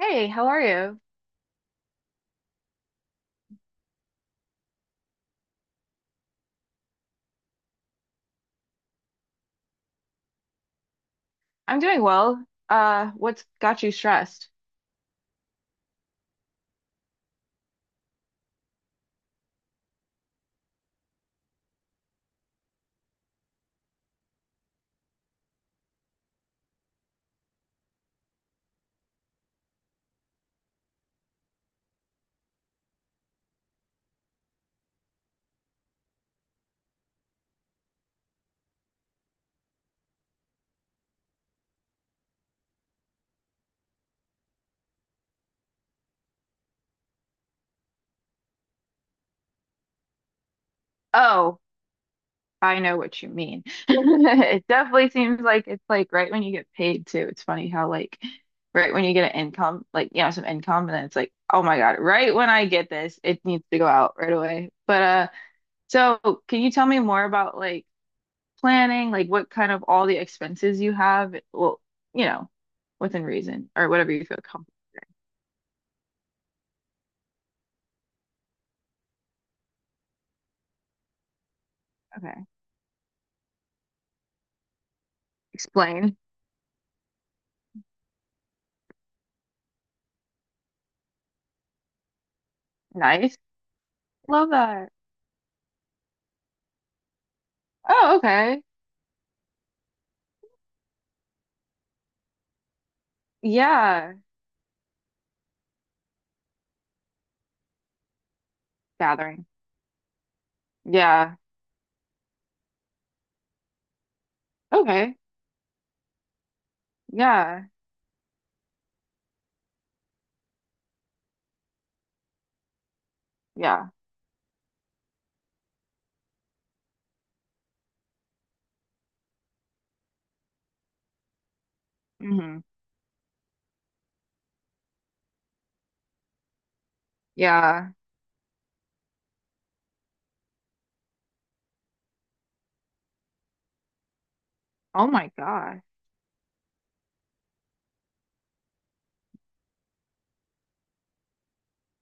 Hey, how are you? I'm doing well. What's got you stressed? Oh, I know what you mean. It definitely seems like it's like right when you get paid too. It's funny how like right when you get an income, like some income, and then it's like, oh my God, right when I get this, it needs to go out right away. But so can you tell me more about like planning, like what kind of all the expenses you have? Well, you know, within reason or whatever you feel comfortable. Okay. Explain. Nice. Love that. Oh, okay. Yeah. Gathering. Yeah. Okay. Yeah. Yeah. Hmm. Yeah. Oh my God.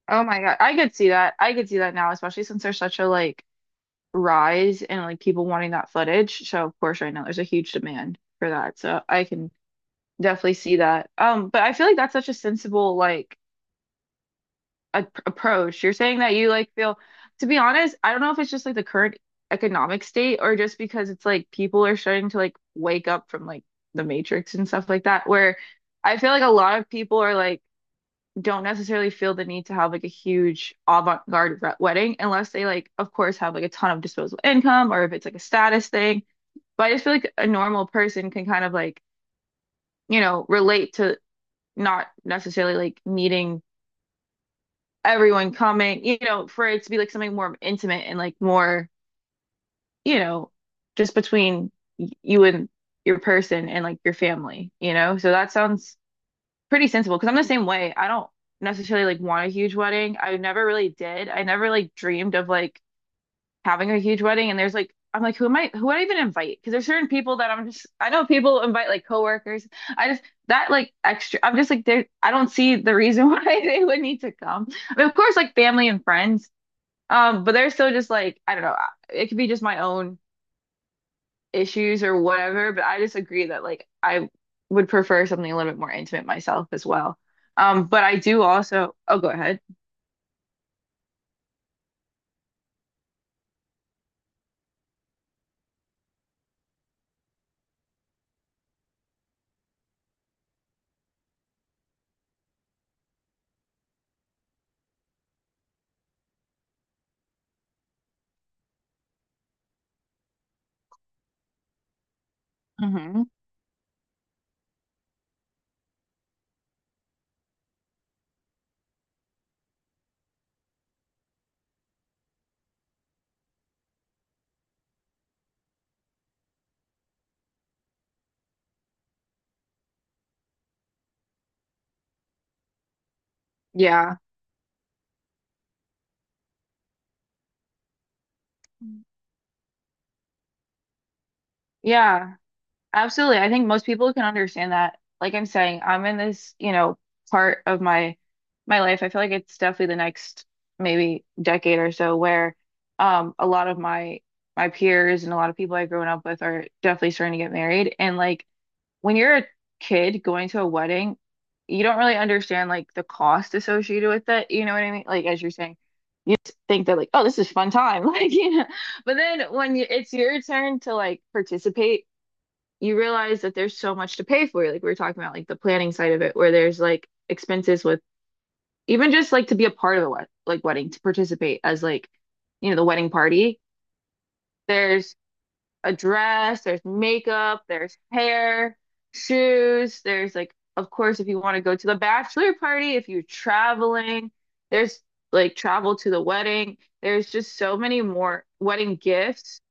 Oh my God. I could see that. I could see that now, especially since there's such a like rise in like people wanting that footage. So of course right now there's a huge demand for that. So I can definitely see that. But I feel like that's such a sensible like approach. You're saying that you like feel, to be honest, I don't know if it's just like the current economic state or just because it's like people are starting to like wake up from like the Matrix and stuff like that, where I feel like a lot of people are like don't necessarily feel the need to have like a huge avant-garde wedding unless they like, of course, have like a ton of disposable income or if it's like a status thing. But I just feel like a normal person can kind of like, relate to not necessarily like needing everyone coming, for it to be like something more intimate and like more, you know, just between you and your person and like your family, you know? So that sounds pretty sensible because I'm the same way. I don't necessarily like want a huge wedding. I never really did. I never like dreamed of like having a huge wedding. And there's like, I'm like, who am I, who would I even invite? Because there's certain people that I'm just, I know people invite like coworkers. I just, that like extra, I'm just like, there, I don't see the reason why they would need to come. I mean, of course, like family and friends but they're still just like, I don't know, it could be just my own issues or whatever, but I just agree that like I would prefer something a little bit more intimate myself as well. But I do also, oh, go ahead. Hmm. Yeah. Yeah, absolutely. I think most people can understand that. Like I'm saying, I'm in this, part of my life. I feel like it's definitely the next maybe decade or so where a lot of my peers and a lot of people I've grown up with are definitely starting to get married. And like when you're a kid going to a wedding, you don't really understand like the cost associated with it. You know what I mean? Like as you're saying, you just think that like, oh, this is fun time, like. But then when you, it's your turn to like participate, you realize that there's so much to pay for. Like we were talking about, like the planning side of it, where there's like expenses with even just like to be a part of the wed like wedding to participate as like the wedding party. There's a dress, there's makeup, there's hair, shoes, there's like, of course, if you want to go to the bachelor party, if you're traveling, there's like travel to the wedding. There's just so many more wedding gifts,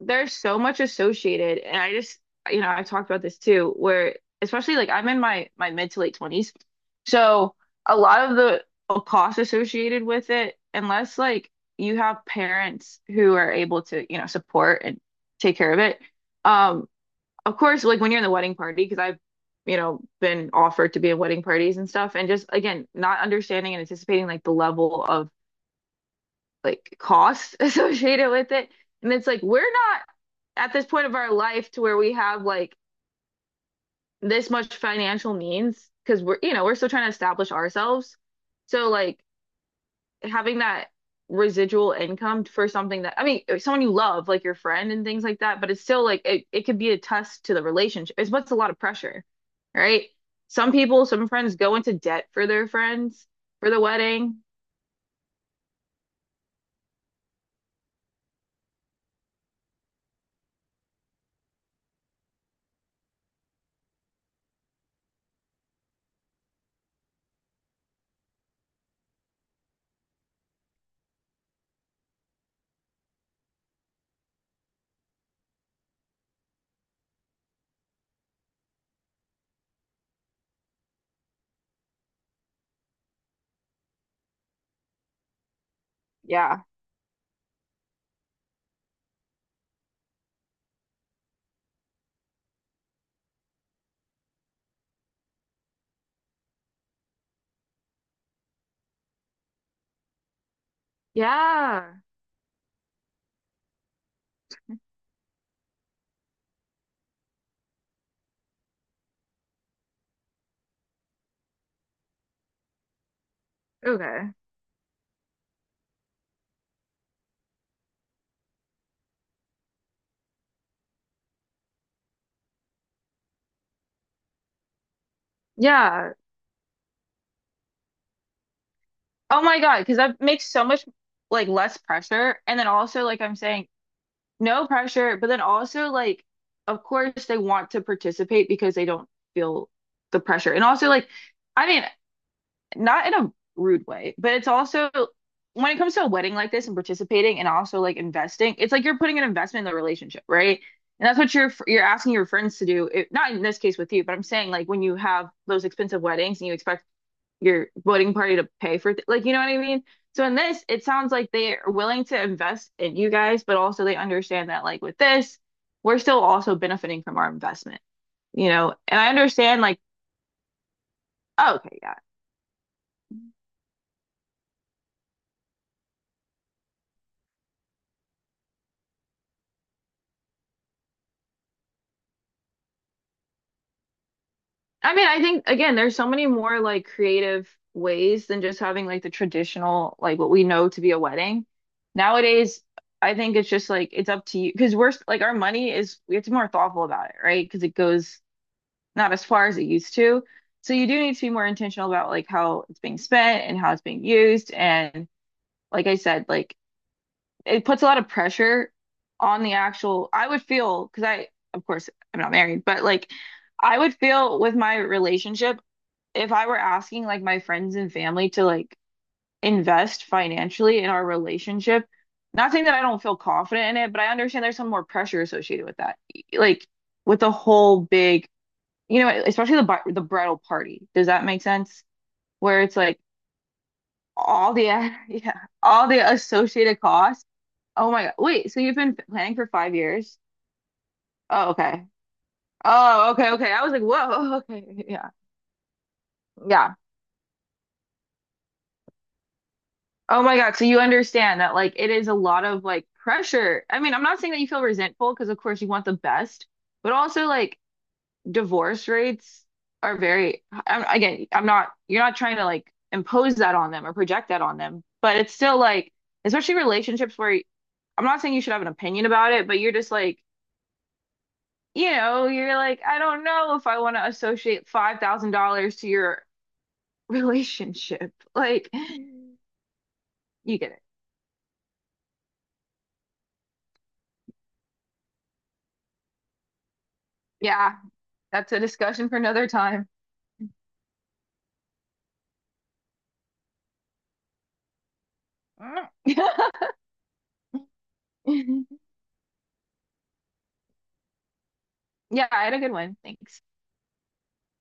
there's so much associated, and I just, I talked about this too, where especially like I'm in my mid to late 20s, so a lot of the costs associated with it, unless like you have parents who are able to support and take care of it, um of course, like when you're in the wedding party, because I've been offered to be in wedding parties and stuff, and just again not understanding and anticipating like the level of like cost associated with it. And it's like we're not at this point of our life to where we have like this much financial means because we're still trying to establish ourselves. So like having that residual income for something that I mean, someone you love, like your friend and things like that, but it's still like it could be a test to the relationship. It's what's a lot of pressure, right? Some people, some friends go into debt for their friends for the wedding. Yeah. Yeah. Okay. Yeah. Oh my God, because that makes so much like less pressure. And then also, like I'm saying, no pressure, but then also like of course they want to participate because they don't feel the pressure. And also like I mean, not in a rude way, but it's also when it comes to a wedding like this and participating and also like investing, it's like you're putting an investment in the relationship, right? And that's what you're asking your friends to do. It, not in this case with you, but I'm saying like when you have those expensive weddings and you expect your voting party to pay for th like you know what I mean? So in this, it sounds like they are willing to invest in you guys, but also they understand that like with this, we're still also benefiting from our investment, you know? And I understand like, oh, okay, yeah. I mean, I think again, there's so many more like creative ways than just having like the traditional like what we know to be a wedding. Nowadays, I think it's just like it's up to you because we're like our money is we have to be more thoughtful about it, right? Because it goes not as far as it used to. So you do need to be more intentional about like how it's being spent and how it's being used. And like I said, like it puts a lot of pressure on the actual, I would feel, because I, of course, I'm not married, but like I would feel with my relationship, if I were asking like my friends and family to like invest financially in our relationship, not saying that I don't feel confident in it, but I understand there's some more pressure associated with that. Like with the whole big especially the bar the bridal party. Does that make sense? Where it's like all the yeah, all the associated costs. Oh my God. Wait, so you've been planning for 5 years? Oh, okay. Oh, okay, okay. I was like, whoa, okay. Yeah. Yeah. Oh my God. So you understand that like it is a lot of like pressure. I mean, I'm not saying that you feel resentful because of course you want the best, but also like divorce rates are very, I'm, again, I'm not, you're not trying to like impose that on them or project that on them, but it's still like, especially relationships where I'm not saying you should have an opinion about it, but you're just like, you're like, I don't know if I want to associate $5,000 to your relationship. Like, you get it. Yeah, that's a discussion for another time. Yeah, I had a good one. Thanks.